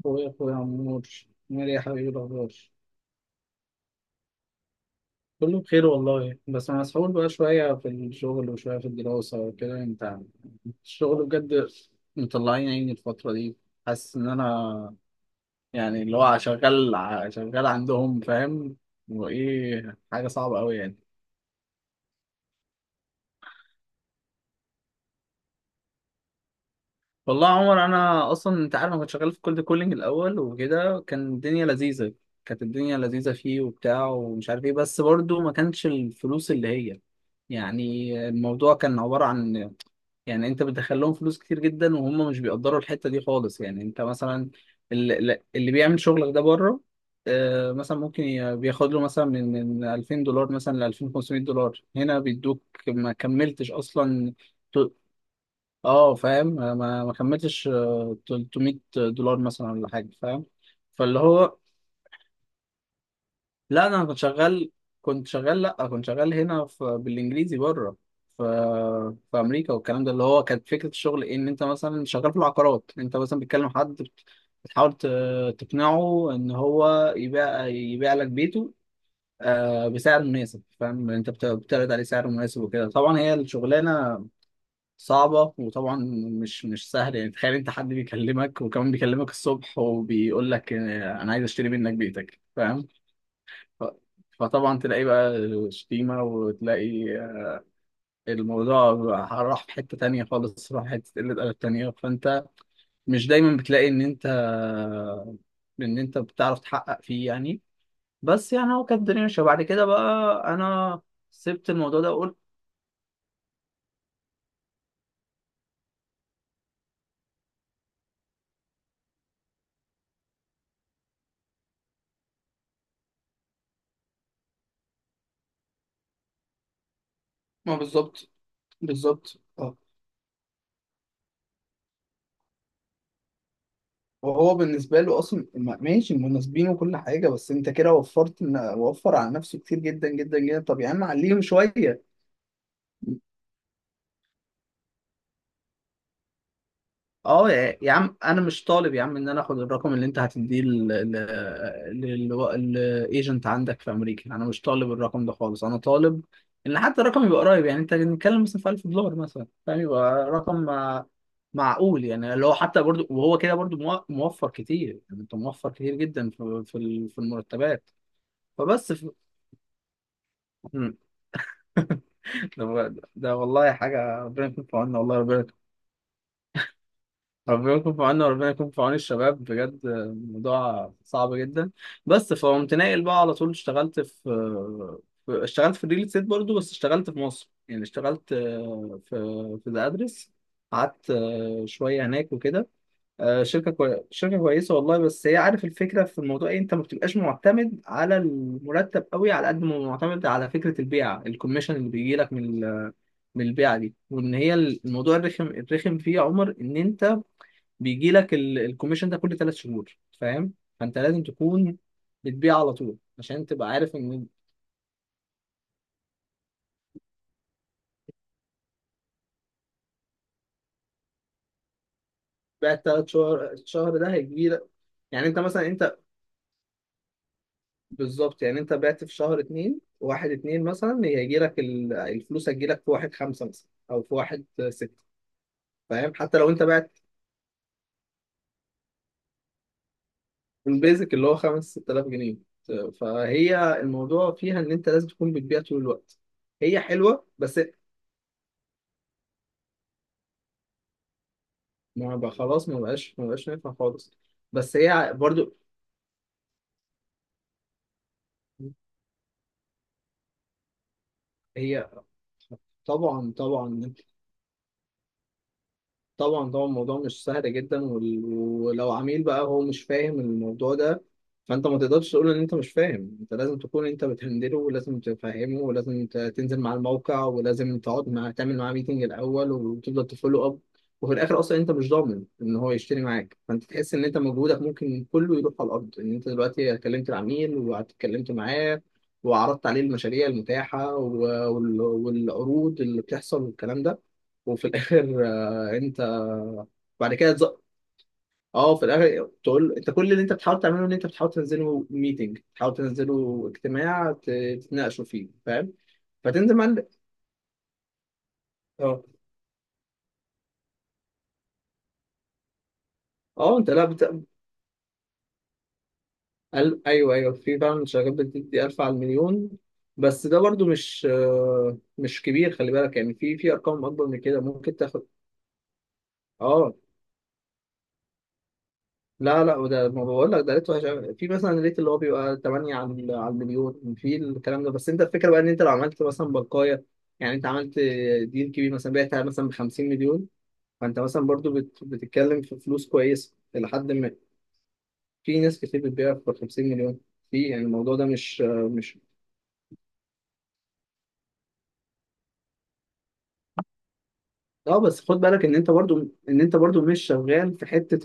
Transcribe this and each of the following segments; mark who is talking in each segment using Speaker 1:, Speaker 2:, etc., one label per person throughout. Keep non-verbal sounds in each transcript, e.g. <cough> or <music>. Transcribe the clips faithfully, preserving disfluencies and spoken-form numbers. Speaker 1: اخويا اخويا عمور، عامل ايه يا حبيبي؟ إيه الاخبار؟ كله بخير والله، بس انا مسحول بقى شويه في الشغل وشويه في الدراسه وكده. انت، الشغل بجد مطلعين عيني الفتره دي. حاسس ان انا يعني اللي هو شغال شغال عندهم، فاهم؟ وايه، حاجه صعبه قوي يعني. والله يا عمر، انا اصلا انت عارف انا كنت شغال في كولد كولينج الاول وكده، كان الدنيا لذيذه. كانت الدنيا لذيذه فيه وبتاع، ومش عارف ايه، بس برضو ما كانش الفلوس اللي هي، يعني الموضوع كان عباره عن، يعني انت بتدخل لهم فلوس كتير جدا وهم مش بيقدروا الحته دي خالص. يعني انت مثلا، اللي, اللي بيعمل شغلك ده بره، آه، مثلا ممكن ي- بياخد له مثلا من من ألفين دولار مثلا ل ألفين وخمسمائة دولار، هنا بيدوك ما كملتش اصلا. اه فاهم، ما ما كملتش، آه، تلتمية دولار مثلا ولا حاجه، فاهم؟ فاللي هو، لا انا كنت شغال، كنت شغال لا، كنت شغال هنا في بالانجليزي بره، في في امريكا والكلام ده. اللي هو كانت فكره الشغل إيه؟ ان انت مثلا شغال في العقارات، انت مثلا بتكلم حد، بت- بتحاول ت- تقنعه ان هو يبيع يبيع لك بيته، آه، بسعر مناسب، فاهم؟ انت بت- بتعرض عليه سعر مناسب وكده. طبعا هي الشغلانه صعبة، وطبعا مش مش سهل يعني. تخيل انت حد بيكلمك وكمان بيكلمك الصبح وبيقول لك اه، انا عايز اشتري منك بيتك، فاهم؟ ف- فطبعا تلاقي بقى شتيمة، وتلاقي الموضوع راح في حتة تانية خالص، راح حتة قلة أدب تانية. فانت مش دايما بتلاقي ان انت ان انت بتعرف تحقق فيه يعني. بس يعني هو كانت الدنيا ماشية، وبعد كده بقى انا سبت الموضوع ده وقلت. ما بالظبط، بالظبط آه. وهو بالنسبة له أصلا ما- ماشي مناسبين وكل حاجة، بس أنت كده وفرت، إن- وفر على نفسه كتير جدا جدا جدا. طب يا عم عليهم شوية. أه يا يا عم، أنا مش طالب يا عم إن أنا آخد الرقم اللي أنت هتديه للإيجنت عندك في أمريكا، أنا مش طالب الرقم ده خالص، أنا طالب إن حتى الرقم يبقى قريب. يعني أنت بنتكلم مثلا في ألف دولار مثلا، فاهم؟ يبقى رقم، آه، معقول، يعني اللي هو حتى برضو، وهو كده برضو مو- موفر كتير، يعني أنت موفر كتير جدا في في ال- في المرتبات. فبس. مم. <laughs> ده, ده والله حاجة ربنا يكون في عوننا، والله ربنا، ربنا يكون في عوننا وربنا يكون في عون الشباب، بجد الموضوع صعب جدا. بس فقمت ناقل بقى على طول، اشتغلت في، في- اشتغلت في الريل استيت برضه، بس اشتغلت في مصر، يعني اشتغلت آه، في، في ذا ادرس. قعدت آه، شوية هناك وكده، آه، شركة كوي... شركة كويسة والله. بس هي عارف الفكرة في الموضوع ايه؟ انت ما بتبقاش معتمد على المرتب قوي على قد ما معتمد على فكرة البيعة، الكوميشن اللي بيجي لك من ال... من البيعة دي. وان هي الموضوع الرخم، الرخم فيه يا عمر ان انت بيجي لك ال... الكوميشن ده كل ثلاث شهور، فاهم؟ فانت لازم تكون بتبيع على طول عشان تبقى عارف ان بيع الثلاث شهر، الشهر ده هيجي لك. يعني انت مثلا، انت بالظبط، يعني انت بعت في شهر اتنين، واحد اتنين مثلا هيجي لك الفلوس، هتجي لك في واحد خمسة مثلا او في واحد ستة، فاهم؟ حتى لو انت بعت. البيزك اللي هو خمس ست آلاف جنيه. فهي الموضوع فيها ان انت لازم تكون بتبيع طول الوقت. هي حلوة بس ما بقى خلاص، ما بقاش ما بقاش نافع خالص. بس هي برضو، هي طبعا، طبعا، طبعا طبعا الموضوع مش سهل جدا. وال- ولو عميل بقى هو مش فاهم الموضوع ده، فانت ما تقدرش تقول ان انت مش فاهم، انت لازم تكون انت بتهندله، ولازم تفهمه، ولازم ت- تنزل مع الموقع، ولازم تقعد مع، تعمل معاه ميتنج الاول، وتفضل تفولو اب. وفي الاخر اصلا انت مش ضامن ان هو يشتري معاك، فانت تحس ان انت مجهودك ممكن كله يروح على الارض، ان انت دلوقتي كلمت العميل واتكلمت معاه، وعرضت عليه المشاريع المتاحة، و- وال- والعروض اللي بتحصل والكلام ده، وفي الاخر. <laughs> بعد كده تز... اه في الاخر تقول انت كل اللي انت بتحاول تعمله ان انت بتحاول تنزله ميتنج، تحاول تنزله اجتماع ت- تتناقشوا فيه، فاهم؟ فتنزل مع ال- اه، اه، انت لا بت... قال... ايوه، ايوه، في فعلا شركات بتدي ألف على المليون. بس ده برضو مش، آه، مش كبير، خلي بالك، يعني في في ارقام اكبر من كده ممكن تاخد. اه، لا، لا، وده ما بقول لك ده ريت وحش أوي. في مثلا ريت اللي هو بيبقى تمانية على ال- على المليون في الكلام ده. بس انت الفكره بقى ان انت لو عملت مثلا بلقايه، يعني انت عملت ديل كبير مثلا، بعتها مثلا ب خمسين مليون، فانت مثلا برضو بت... بتتكلم في فلوس كويسه لحد ما. في ناس كتير بتبيع ب خمسين مليون. في، يعني الموضوع ده مش مش اه، بس خد بالك ان انت برضو، ان انت برضو مش شغال في حته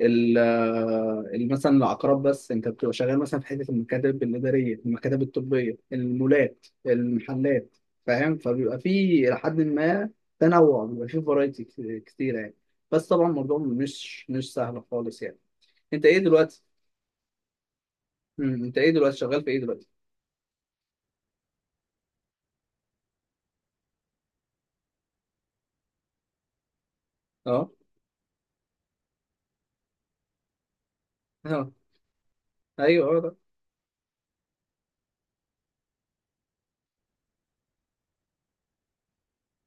Speaker 1: ال- ال- مثلا العقارات، بس انت بتبقى شغال مثلا في حته المكاتب الاداريه، المكاتب الطبيه، المولات، المحلات، فاهم؟ فبيبقى في لحد ما، تنوع، بيبقى في فرايتي كتيره يعني. بس طبعا الموضوع مش مش سهل خالص يعني. انت ايه دلوقتي؟ امم انت ايه دلوقتي شغال في ايه دلوقتي؟ اه، اه، ايوه، اه، ده،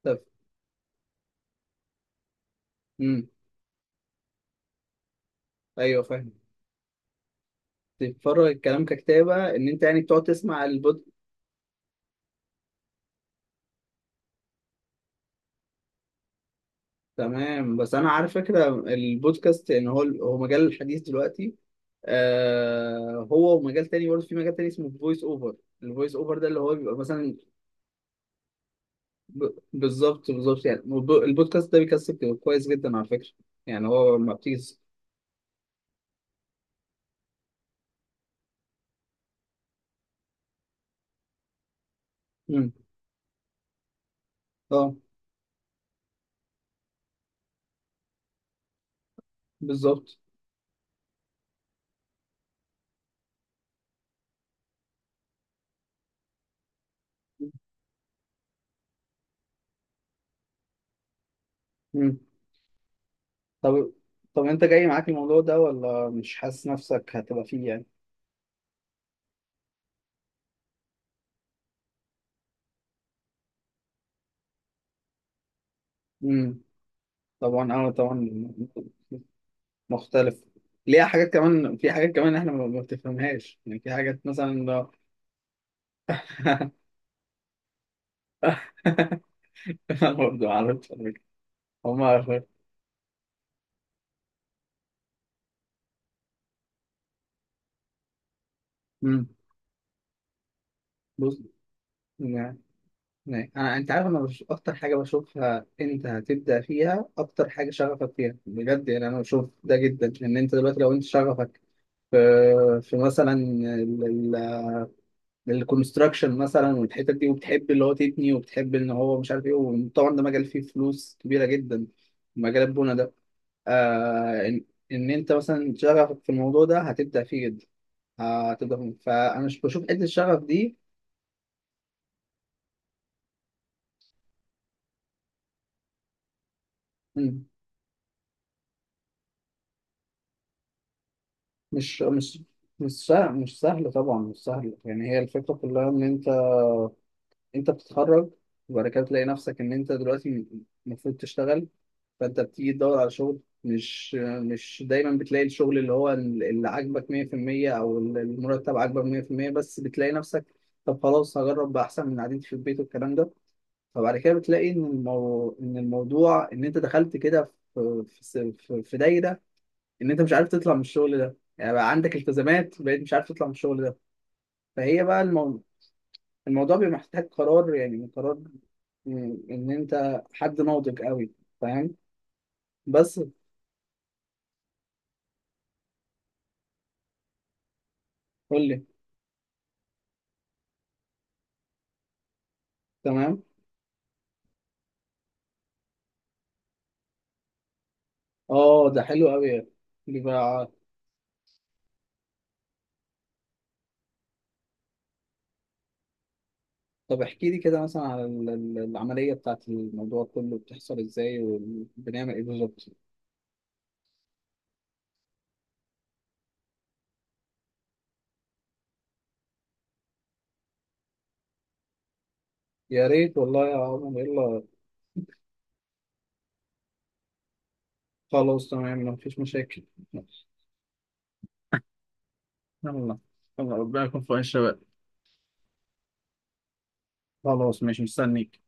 Speaker 1: طب، امم ايوه، فاهم، بتتفرج الكلام ككتابه، ان انت يعني بتقعد تسمع البودكاست. تمام. بس انا عارف فكره البودكاست، ان هو هو مجال الحديث دلوقتي. آه، هو ومجال تاني برضه، في مجال تاني اسمه فويس اوفر. الفويس اوفر ده اللي هو بيبقى مثلا ب... بالظبط، بالظبط، يعني والب- البودكاست ده بيكسب كويس جدا على فكره. يعني هو ما بتيجي. مم. اه، بالظبط. مم. طب، طب، انت جاي معاك الموضوع ده ولا مش حاسس نفسك هتبقى فيه يعني؟ مم. طبعا، اه طبعا. مختلف. ليها حاجات كمان، في حاجات كمان احنا ما ما بتفهمهاش يعني، في حاجات مثلا لو- <laughs> انا برضه عارف على فكرة. هما، امم بص، يعني يعني انا، انت عارف انا بش... اكتر حاجه بشوفها انت هتبدا فيها، اكتر حاجه شغفك فيها بجد، يعني انا بشوف ده جدا، ان انت دلوقتي لو انت شغفك في، في مثلا للكونستراكشن مثلا والحتت دي، وبتحب اللي هو تبني، وبتحب ان هو مش عارف ايه، وطبعا ده مجال فيه فلوس كبيره جدا، مجال البنى ده. آه ان, إن انت مثلا شغفك في الموضوع ده هتبدع فيه جدا، هتبدع فيه. فانا مش بشوف حته الشغف دي. مم، مش مش مش سهل، مش سهل طبعا، مش سهل يعني. هي الفكره كلها ان انت انت بتتخرج، وبعد كده تلاقي نفسك ان انت دلوقتي المفروض تشتغل، فانت بتيجي تدور على شغل، مش مش دايما بتلاقي الشغل اللي هو اللي عاجبك ميه في الميه او المرتب عاجبك ميه في الميه، بس بتلاقي نفسك طب خلاص هجرب بقى احسن من قعدتي في البيت والكلام ده. فبعد كده بتلاقي ان المو... ان الموضوع ان انت دخلت كده في في في في دايره، ان انت مش عارف تطلع من الشغل ده، يعني بقى عندك التزامات، بقيت مش عارف تطلع من الشغل ده. فهي بقى المو... الموضوع بيبقى محتاج قرار، يعني قرار ان انت حد ناضج قوي، فاهم؟ بس، قول لي. تمام. اه، ده حلو قوي يعني. بيبقى، طب احكي لي كده مثلا على ال- ال- العملية بتاعت الموضوع كله، بتحصل ازاي وبنعمل ايه بالظبط؟ يا ريت والله يا عمر، يلا. خلاص تمام، مفيش مشاكل. يلا، يلا، ربنا يكون في عون الشباب. خلاص ماشي، مستنيك.